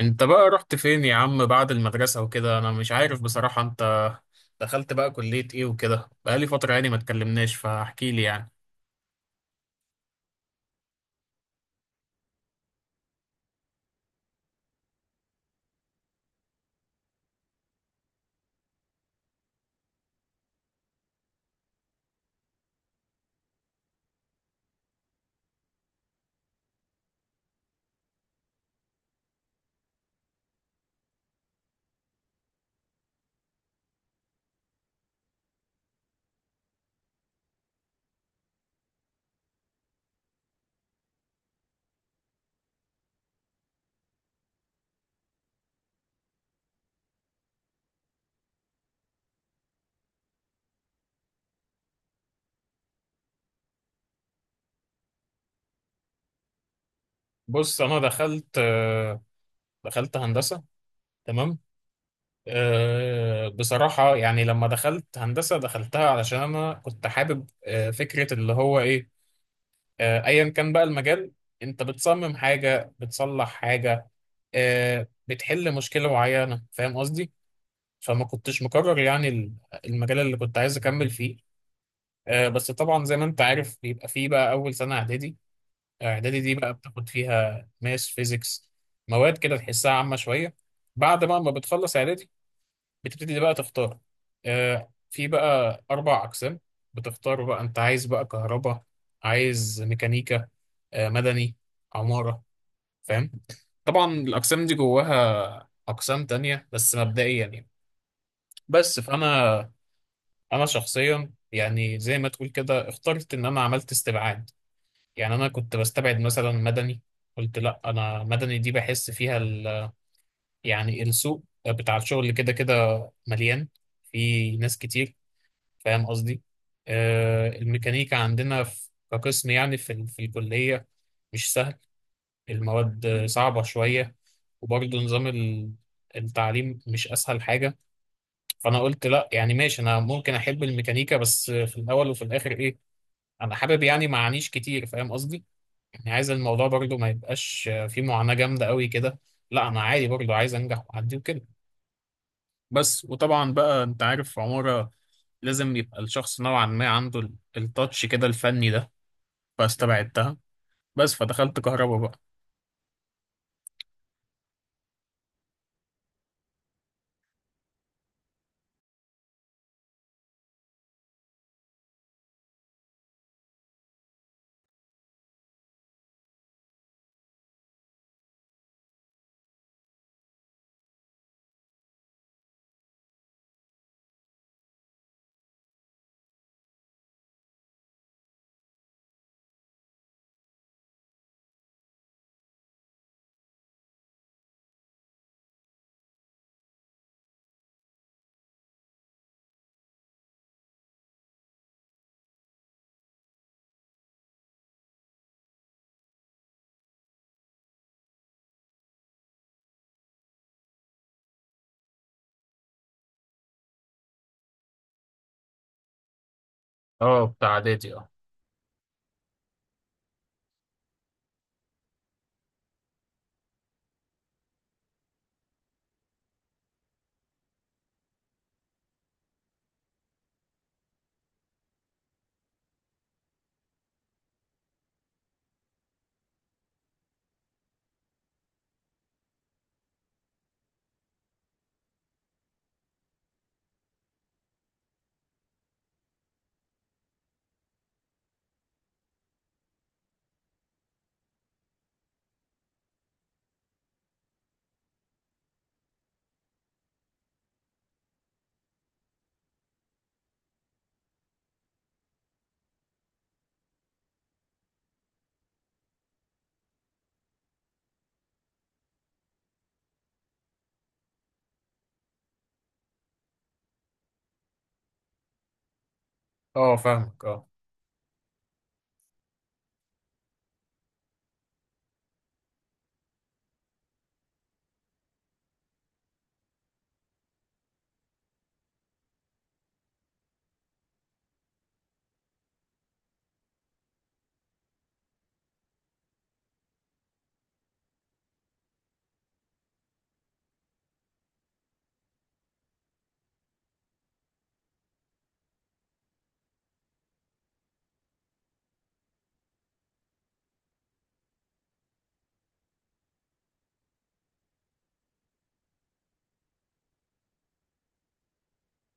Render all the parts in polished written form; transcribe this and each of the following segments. انت بقى رحت فين يا عم بعد المدرسة وكده؟ انا مش عارف بصراحة انت دخلت بقى كلية ايه، وكده بقالي فترة يعني ما اتكلمناش، فاحكي لي يعني. بص، انا دخلت هندسة. تمام. بصراحة يعني لما دخلت هندسة دخلتها علشان انا كنت حابب فكرة اللي هو ايه. ايا كان بقى المجال. انت بتصمم حاجة، بتصلح حاجة، بتحل مشكلة معينة. فاهم قصدي؟ فما كنتش مقرر يعني المجال اللي كنت عايز اكمل فيه. بس طبعا زي ما انت عارف بيبقى فيه بقى اول سنه اعدادي. اعدادي دي بقى بتاخد فيها ماس فيزيكس، مواد كده تحسها عامه شويه. بعد بقى ما بتخلص اعدادي بتبتدي بقى تختار. في بقى 4 اقسام. بتختار بقى، انت عايز بقى كهرباء، عايز ميكانيكا، مدني، عماره. فاهم. طبعا الاقسام دي جواها اقسام تانية بس مبدئيا يعني. بس فانا شخصيا يعني زي ما تقول كده اخترت ان انا عملت استبعاد. يعني انا كنت بستبعد مثلا مدني. قلت لا، انا مدني دي بحس فيها يعني السوق بتاع الشغل كده كده مليان، في ناس كتير، فاهم قصدي؟ الميكانيكا عندنا في كقسم يعني في الكلية. مش سهل، المواد صعبة شوية. وبرضه نظام التعليم مش اسهل حاجة. فانا قلت لا، يعني ماشي، انا ممكن احب الميكانيكا، بس في الاول وفي الاخر ايه. انا حابب يعني معانيش كتير، فاهم قصدي؟ يعني عايز الموضوع برضو ما يبقاش فيه معاناة جامدة قوي كده. لا انا عادي برضو، عايز انجح واعدي وكده. بس وطبعا بقى انت عارف عمارة لازم يبقى الشخص نوعا ما عنده التاتش كده الفني ده. فاستبعدتها. بس فدخلت كهربا بقى. اه، بتاع اعدادي، اه. اه فاهمك، اه.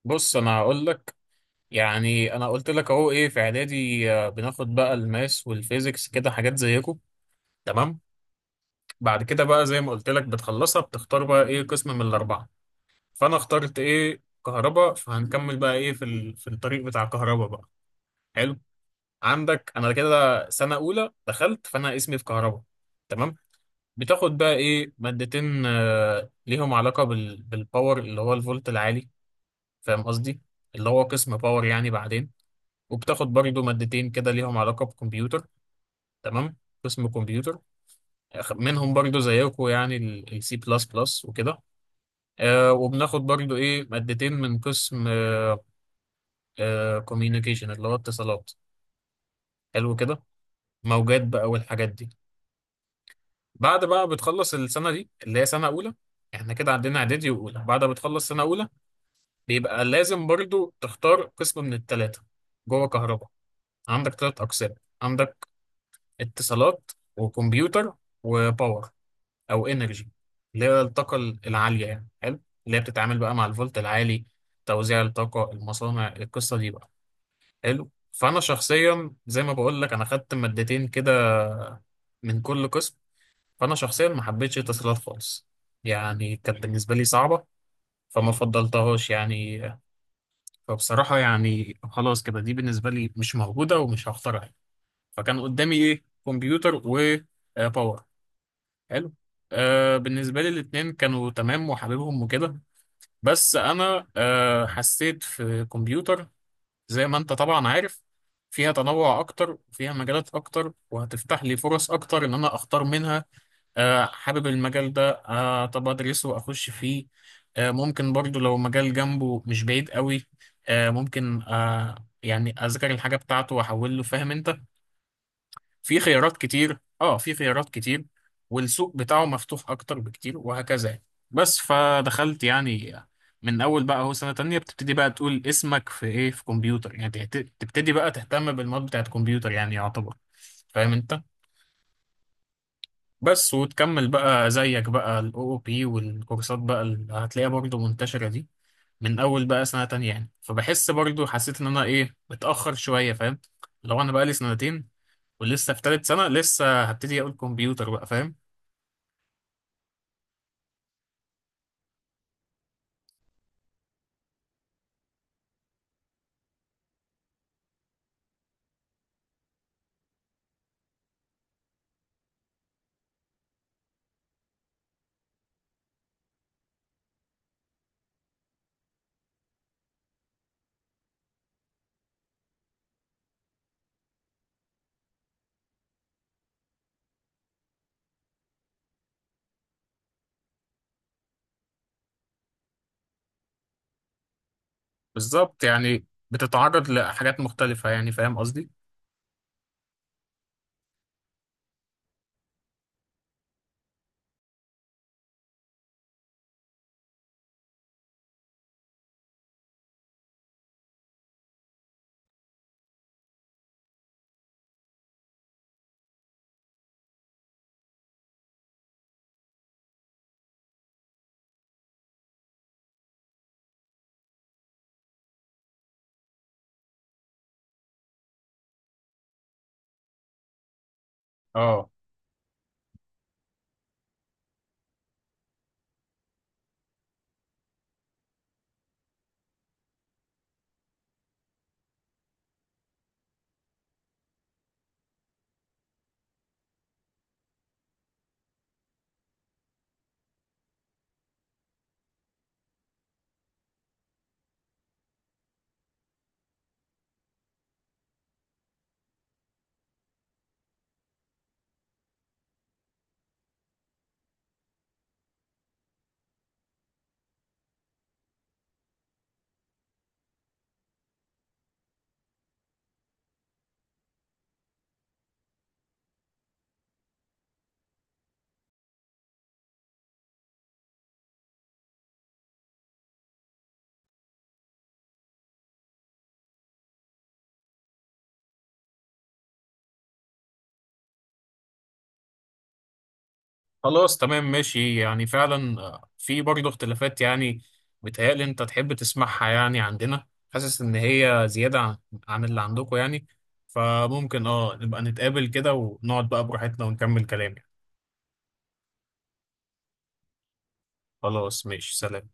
بص انا هقول لك. يعني انا قلت لك اهو ايه في اعدادي، بناخد بقى الماس والفيزيكس كده حاجات زيكم. تمام. بعد كده بقى زي ما قلت لك بتخلصها، بتختار بقى ايه قسم من الاربعه. فانا اخترت ايه كهرباء، فهنكمل بقى ايه في الطريق بتاع كهرباء بقى. حلو. عندك انا كده سنه اولى دخلت فانا اسمي في كهرباء. تمام. بتاخد بقى ايه مادتين ليهم علاقه بالباور اللي هو الفولت العالي، فاهم قصدي؟ اللي هو قسم باور يعني، بعدين. وبتاخد برضو مادتين كده ليهم علاقه بكمبيوتر. تمام، قسم كمبيوتر. منهم برضو زيكم يعني السي بلس بلس وكده. وبناخد برضو ايه مادتين من قسم كوميونيكيشن اللي هو اتصالات. حلو كده. موجات بقى والحاجات دي. بعد بقى بتخلص السنة دي اللي هي سنة أولى، احنا كده عندنا إعدادي وأولى. بعد ما بتخلص سنة أولى بيبقى لازم برضو تختار قسم من التلاتة جوه كهرباء. عندك تلات أقسام. عندك اتصالات وكمبيوتر وباور أو إنرجي اللي هي الطاقة العالية يعني. حلو. اللي هي بتتعامل بقى مع الفولت العالي، توزيع الطاقة، المصانع، القصة دي بقى. حلو. فانا شخصيا زي ما بقول لك انا خدت مادتين كده من كل قسم. فانا شخصيا ما حبيتش اتصالات خالص، يعني كانت بالنسبه لي صعبه فما فضلتهاش يعني. فبصراحه يعني خلاص كده، دي بالنسبه لي مش موجوده ومش هختارها. فكان قدامي ايه، كمبيوتر وباور. حلو. بالنسبه لي الاتنين كانوا تمام وحاببهم وكده. بس انا حسيت في كمبيوتر زي ما انت طبعا عارف، فيها تنوع اكتر وفيها مجالات اكتر وهتفتح لي فرص اكتر ان انا اختار منها. حابب المجال ده. طب ادرسه واخش فيه. ممكن برضو لو مجال جنبه مش بعيد قوي، ممكن، يعني اذاكر الحاجة بتاعته واحول له، فاهم انت؟ في خيارات كتير، في خيارات كتير. والسوق بتاعه مفتوح اكتر بكتير وهكذا يعني. بس فدخلت يعني. من اول بقى هو سنة تانية بتبتدي بقى تقول اسمك في ايه في كمبيوتر يعني، تبتدي بقى تهتم بالمواد بتاعت كمبيوتر، يعني يعتبر. فاهم انت؟ بس وتكمل بقى زيك بقى الاو او بي والكورسات بقى اللي هتلاقيها برضه منتشرة دي. من اول بقى سنة تانية يعني، فبحس برضه حسيت ان انا ايه متأخر شوية، فاهم؟ لو انا بقى لي سنتين ولسه في تالت سنة لسه هبتدي أقول كمبيوتر بقى، فاهم؟ بالظبط يعني، بتتعرض لحاجات مختلفة يعني، فاهم قصدي؟ اه. خلاص تمام ماشي يعني، فعلا في برضه اختلافات يعني. بيتهيألي أنت تحب تسمعها، يعني عندنا حاسس إن هي زيادة عن اللي عندكم يعني. فممكن نبقى نتقابل كده ونقعد بقى براحتنا ونكمل كلام يعني. خلاص ماشي، سلام.